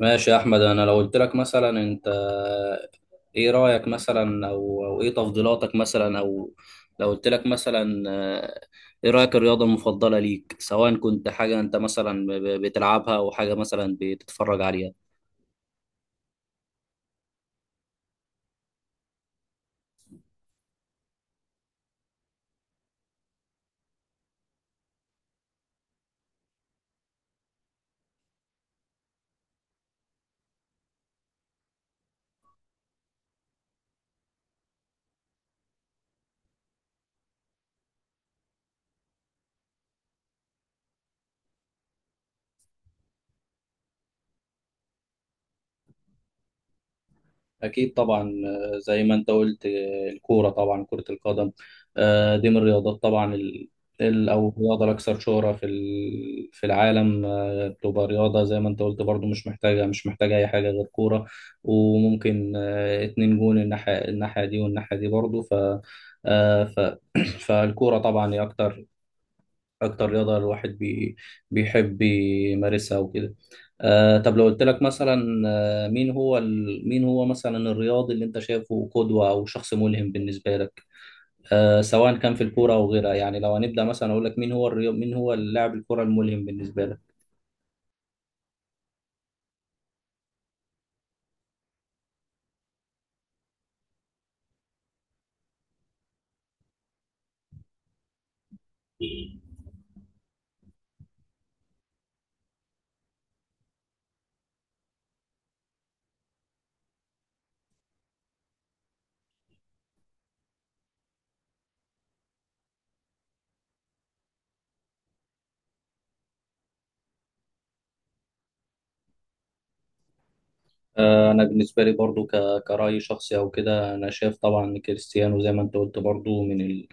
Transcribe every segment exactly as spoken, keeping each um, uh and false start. ماشي يا احمد. انا لو قلت لك مثلا انت ايه رايك مثلا او او ايه تفضيلاتك مثلا او لو قلت لك مثلا آه، ايه رايك الرياضه المفضله ليك، سواء كنت حاجه انت مثلا ب- ب- بتلعبها او حاجه مثلا بتتفرج عليها؟ أكيد طبعا. آه، زي ما أنت قلت، آه، الكورة طبعا، كرة القدم. آه، دي من الرياضات طبعا ال... ال- أو الرياضة الأكثر شهرة في ال... في العالم. آه، بتبقى رياضة زي ما أنت قلت برضو، مش محتاجة مش محتاجة أي حاجة غير كورة. وممكن آه، اتنين جون، الناحية الناحية دي والناحية دي برضو. ف... آه، ف... فالكورة طبعا هي أكتر اكتر رياضه الواحد بي بيحب يمارسها وكده. آه، طب لو قلت لك مثلا، آه، مين هو ال... مين هو مثلا الرياضي اللي انت شايفه قدوه او شخص ملهم بالنسبه لك؟ آه، سواء كان في الكوره او غيرها. يعني لو هنبدا مثلا، اقول لك مين هو الرياض... مين هو اللاعب الكوره الملهم بالنسبه لك؟ آه، انا بالنسبه لي برضو ك... كراي شخصي او كده، انا شايف طبعا كريستيانو زي ما انت قلت برضو، من ال...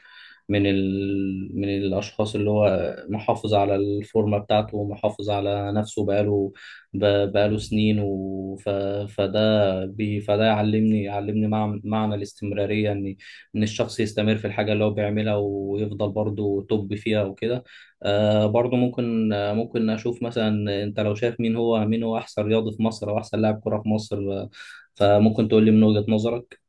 من ال... من الاشخاص اللي هو محافظ على الفورمه بتاعته ومحافظ على نفسه بقاله ب... بقاله سنين و... ف... فده بي... فده يعلمني، يعلمني مع... معنى الاستمراريه، ان ان الشخص يستمر في الحاجه اللي هو بيعملها ويفضل برضه توب فيها وكده. آه، برضه ممكن، آه ممكن اشوف، مثلا انت لو شايف مين هو مين هو احسن رياضي في مصر، او احسن لاعب كره في مصر، آه، فممكن تقول لي من وجهة نظرك.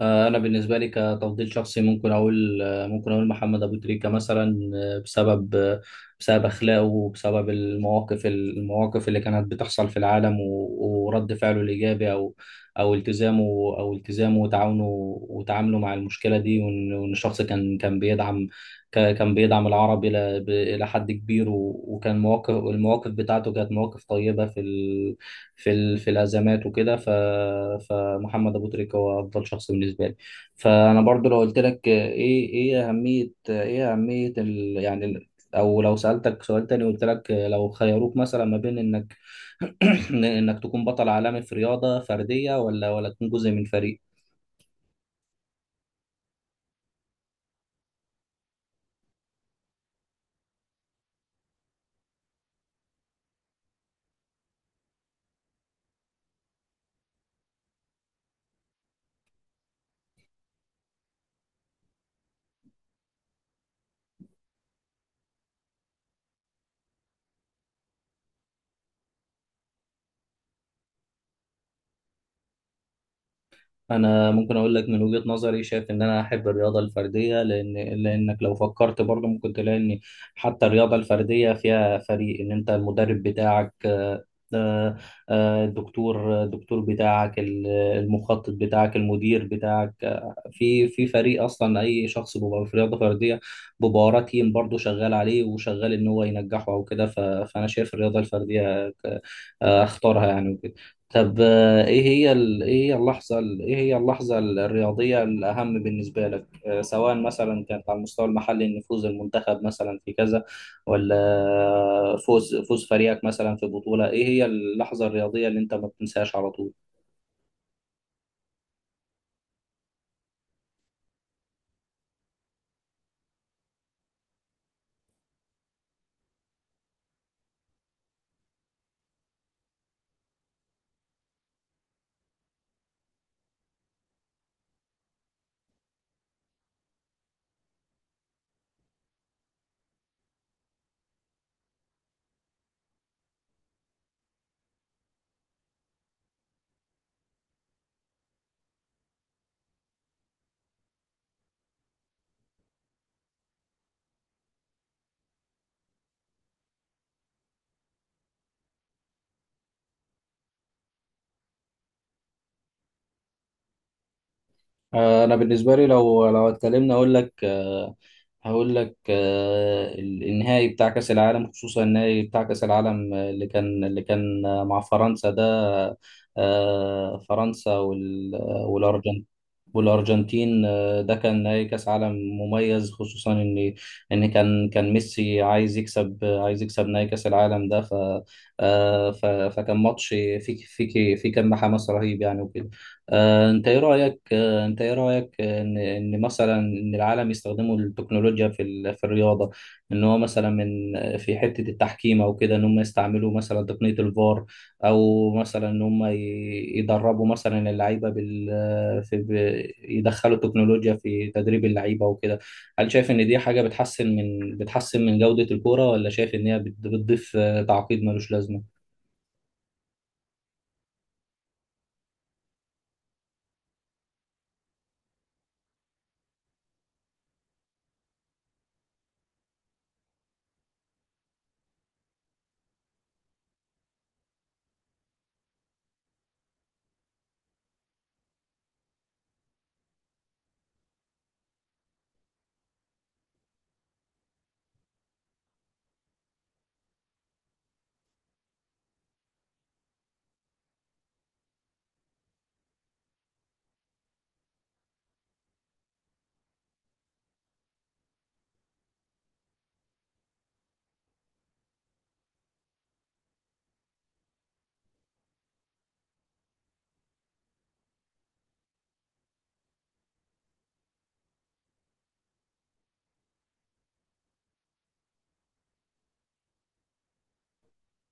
آه، انا بالنسبه لي كتفضيل شخصي ممكن اقول، آه، ممكن اقول محمد ابو تريكه مثلا، آه، بسبب آه، بسبب اخلاقه، وبسبب المواقف المواقف اللي كانت بتحصل في العالم و- ورد فعله الايجابي، او او التزامه. او التزامه وتعاونه وتعامله مع المشكله دي. وان وإن الشخص كان، كان بيدعم ك- كان بيدعم العرب الى ب- الى حد كبير. و- وكان مواقف، المواقف بتاعته كانت مواقف طيبه في ال في ال... في الازمات وكده. ف... فمحمد ابو تريكه هو افضل شخص بالنسبه لي. فانا برضو لو قلت لك ايه ايه اهميه ايه اهميه ال... يعني ال... او لو سالتك سؤال تاني، قلت لك لو خيروك مثلا ما بين انك انك تكون بطل عالمي في رياضه فرديه ولا ولا تكون جزء من فريق. انا ممكن اقول لك من وجهة نظري، شايف ان انا احب الرياضه الفرديه، لان لانك لو فكرت برضه ممكن تلاقي ان حتى الرياضه الفرديه فيها فريق، ان انت المدرب بتاعك، آه، آه، آه، الدكتور الدكتور بتاعك، ال- المخطط بتاعك، المدير بتاعك، آه، في في فريق. اصلا اي شخص بيبقى في رياضه فرديه بيبقى وراه تيم برضه شغال عليه وشغال ان هو ينجحه او كده. ف- فانا شايف الرياضه الفرديه آه، اختارها يعني وكده. طب، آه، ايه هي ال- ايه هي اللحظة ال- ايه هي اللحظة الرياضية الأهم بالنسبة لك؟ آه، سواء مثلا كانت على المستوى المحلي، ان فوز المنتخب مثلا في كذا، ولا آه، فوز فوز فريقك مثلا في بطولة. ايه هي اللحظة الرياضية اللي انت ما بتنساهاش على طول؟ آه، انا بالنسبه لي لو لو اتكلمنا، اقول لك، آه، هقول لك آه، ال- النهائي بتاع كاس العالم. خصوصا النهائي بتاع كاس العالم آه، اللي كان، اللي كان آه، مع فرنسا ده. آه، فرنسا وال- والارجنتين والارجنتين. آه، ده كان نهائي كاس عالم مميز، خصوصا ان ان كان كان ميسي عايز يكسب، عايز يكسب نهائي كاس العالم ده. ف آه، ف- فكان ماتش فيه، فيه فيه كم حماس رهيب يعني وكده. آه، انت ايه رايك انت ايه رايك ان ان مثلا ان العالم يستخدموا التكنولوجيا في ال- في الرياضه؟ ان هو مثلا، من في حته التحكيم او كده، ان هم يستعملوا مثلا تقنيه الفار، او مثلا ان هم ي- يدربوا مثلا اللعيبه بال في ب- يدخلوا تكنولوجيا في تدريب اللعيبه وكده. هل شايف ان دي حاجه بتحسن من، بتحسن من جوده الكوره، ولا شايف ان هي بت- بتضيف تعقيد ملوش لازمه؟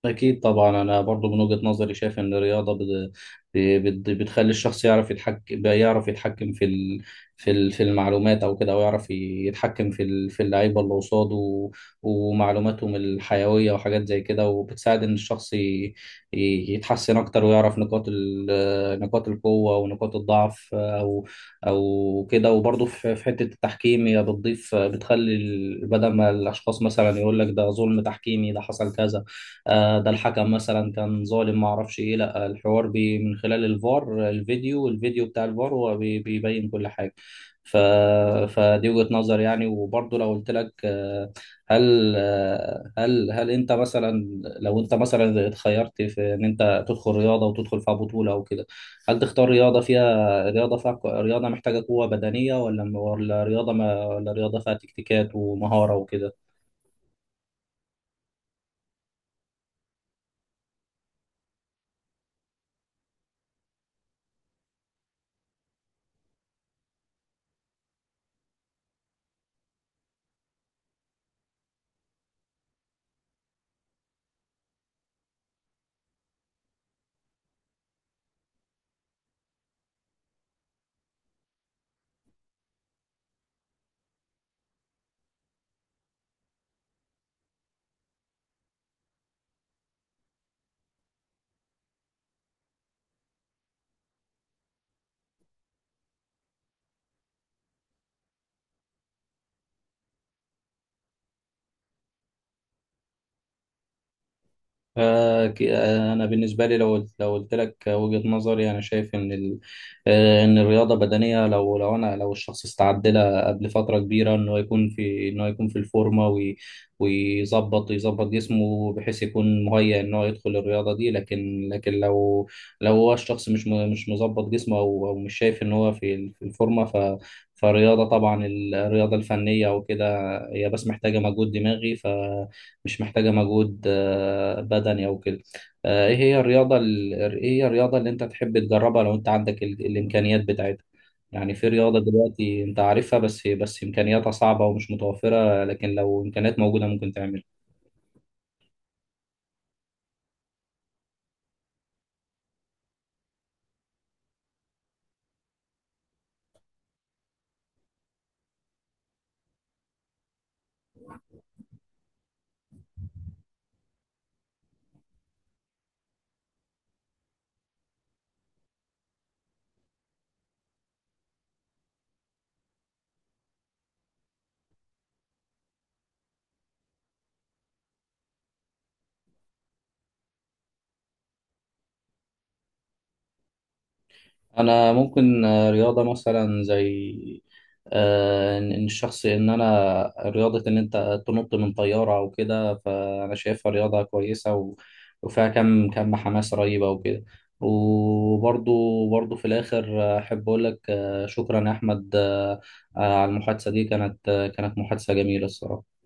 أكيد طبعا. أنا برضو من وجهة نظري شايف إن الرياضة بت... بت... بتخلي الشخص يعرف يتحكم، يعرف يتحكم في ال... في ال... في المعلومات، أو كده، أو يعرف يتحكم في ال... في اللعيبة اللي قصاده، و... ومعلوماتهم الحيوية وحاجات زي كده. وبتساعد إن الشخص ي... ي- يتحسن أكتر، ويعرف نقاط ال... نقاط القوة ونقاط الضعف، أو أو كده. وبرضو في... في حتة التحكيم، هي بتضيف، بتخلي ال- بدل ما الأشخاص مثلا يقول لك ده ظلم تحكيمي، ده حصل كذا، آه، ده الحكم مثلا كان ظالم، ما اعرفش ايه، لا، الحوار بي من خلال الفار. الفيديو، الفيديو بتاع الفار، هو بي- بيبين كل حاجة. ف... فدي وجهة نظر يعني. وبرضه لو قلت لك، آه، هل آه، هل هل انت مثلا، لو انت مثلا اتخيرت في ان انت تدخل رياضة وتدخل فيها بطولة او كده، هل تختار رياضة فيها رياضة فيها رياضة محتاجة قوة بدنية، ولا ولا رياضة، ما ولا رياضة فيها تكتيكات ومهارة وكده؟ آه، ك- آه، أنا بالنسبة لي لو قلت- لو قلت لك وجهة نظري، أنا شايف إن ال... آه، إن الرياضة بدنية لو لو أنا لو الشخص استعد لها قبل فترة كبيرة، إنه يكون في، إنه يكون في الفورمة، وي... ويظبط، يظبط جسمه، بحيث يكون مهيأ إن هو يدخل الرياضة دي. لكن لكن لو، لو هو الشخص مش م... مش مظبط جسمه، أو... أو مش شايف إن هو في ال- في الفورمة، ف... فالرياضة طبعا، ال- الرياضة الفنية وكده، هي بس محتاجة مجهود دماغي، ف مش محتاجة مجهود آه، بدني أو كده. آه، إيه هي الرياضة ال- إيه هي الرياضة اللي أنت تحب تجربها، لو أنت عندك ال- الإمكانيات بتاعتها؟ يعني في رياضة دلوقتي أنت عارفها، بس بس إمكانياتها صعبة ومش متوفرة، لكن لو إمكانيات موجودة ممكن تعملها. انا ممكن، آه، رياضه مثلا زي، آه، ان إن الشخص، ان انا، رياضه ان انت تنط من طياره او كده، فانا شايفها رياضه كويسه، و- وفيها كم كم حماسه رهيبه وكده. وبرضو، برضو في الاخر، آه، احب اقول لك آه، شكرا يا احمد، آه، آه، على المحادثه دي. كانت، آه، كانت محادثه جميله الصراحه.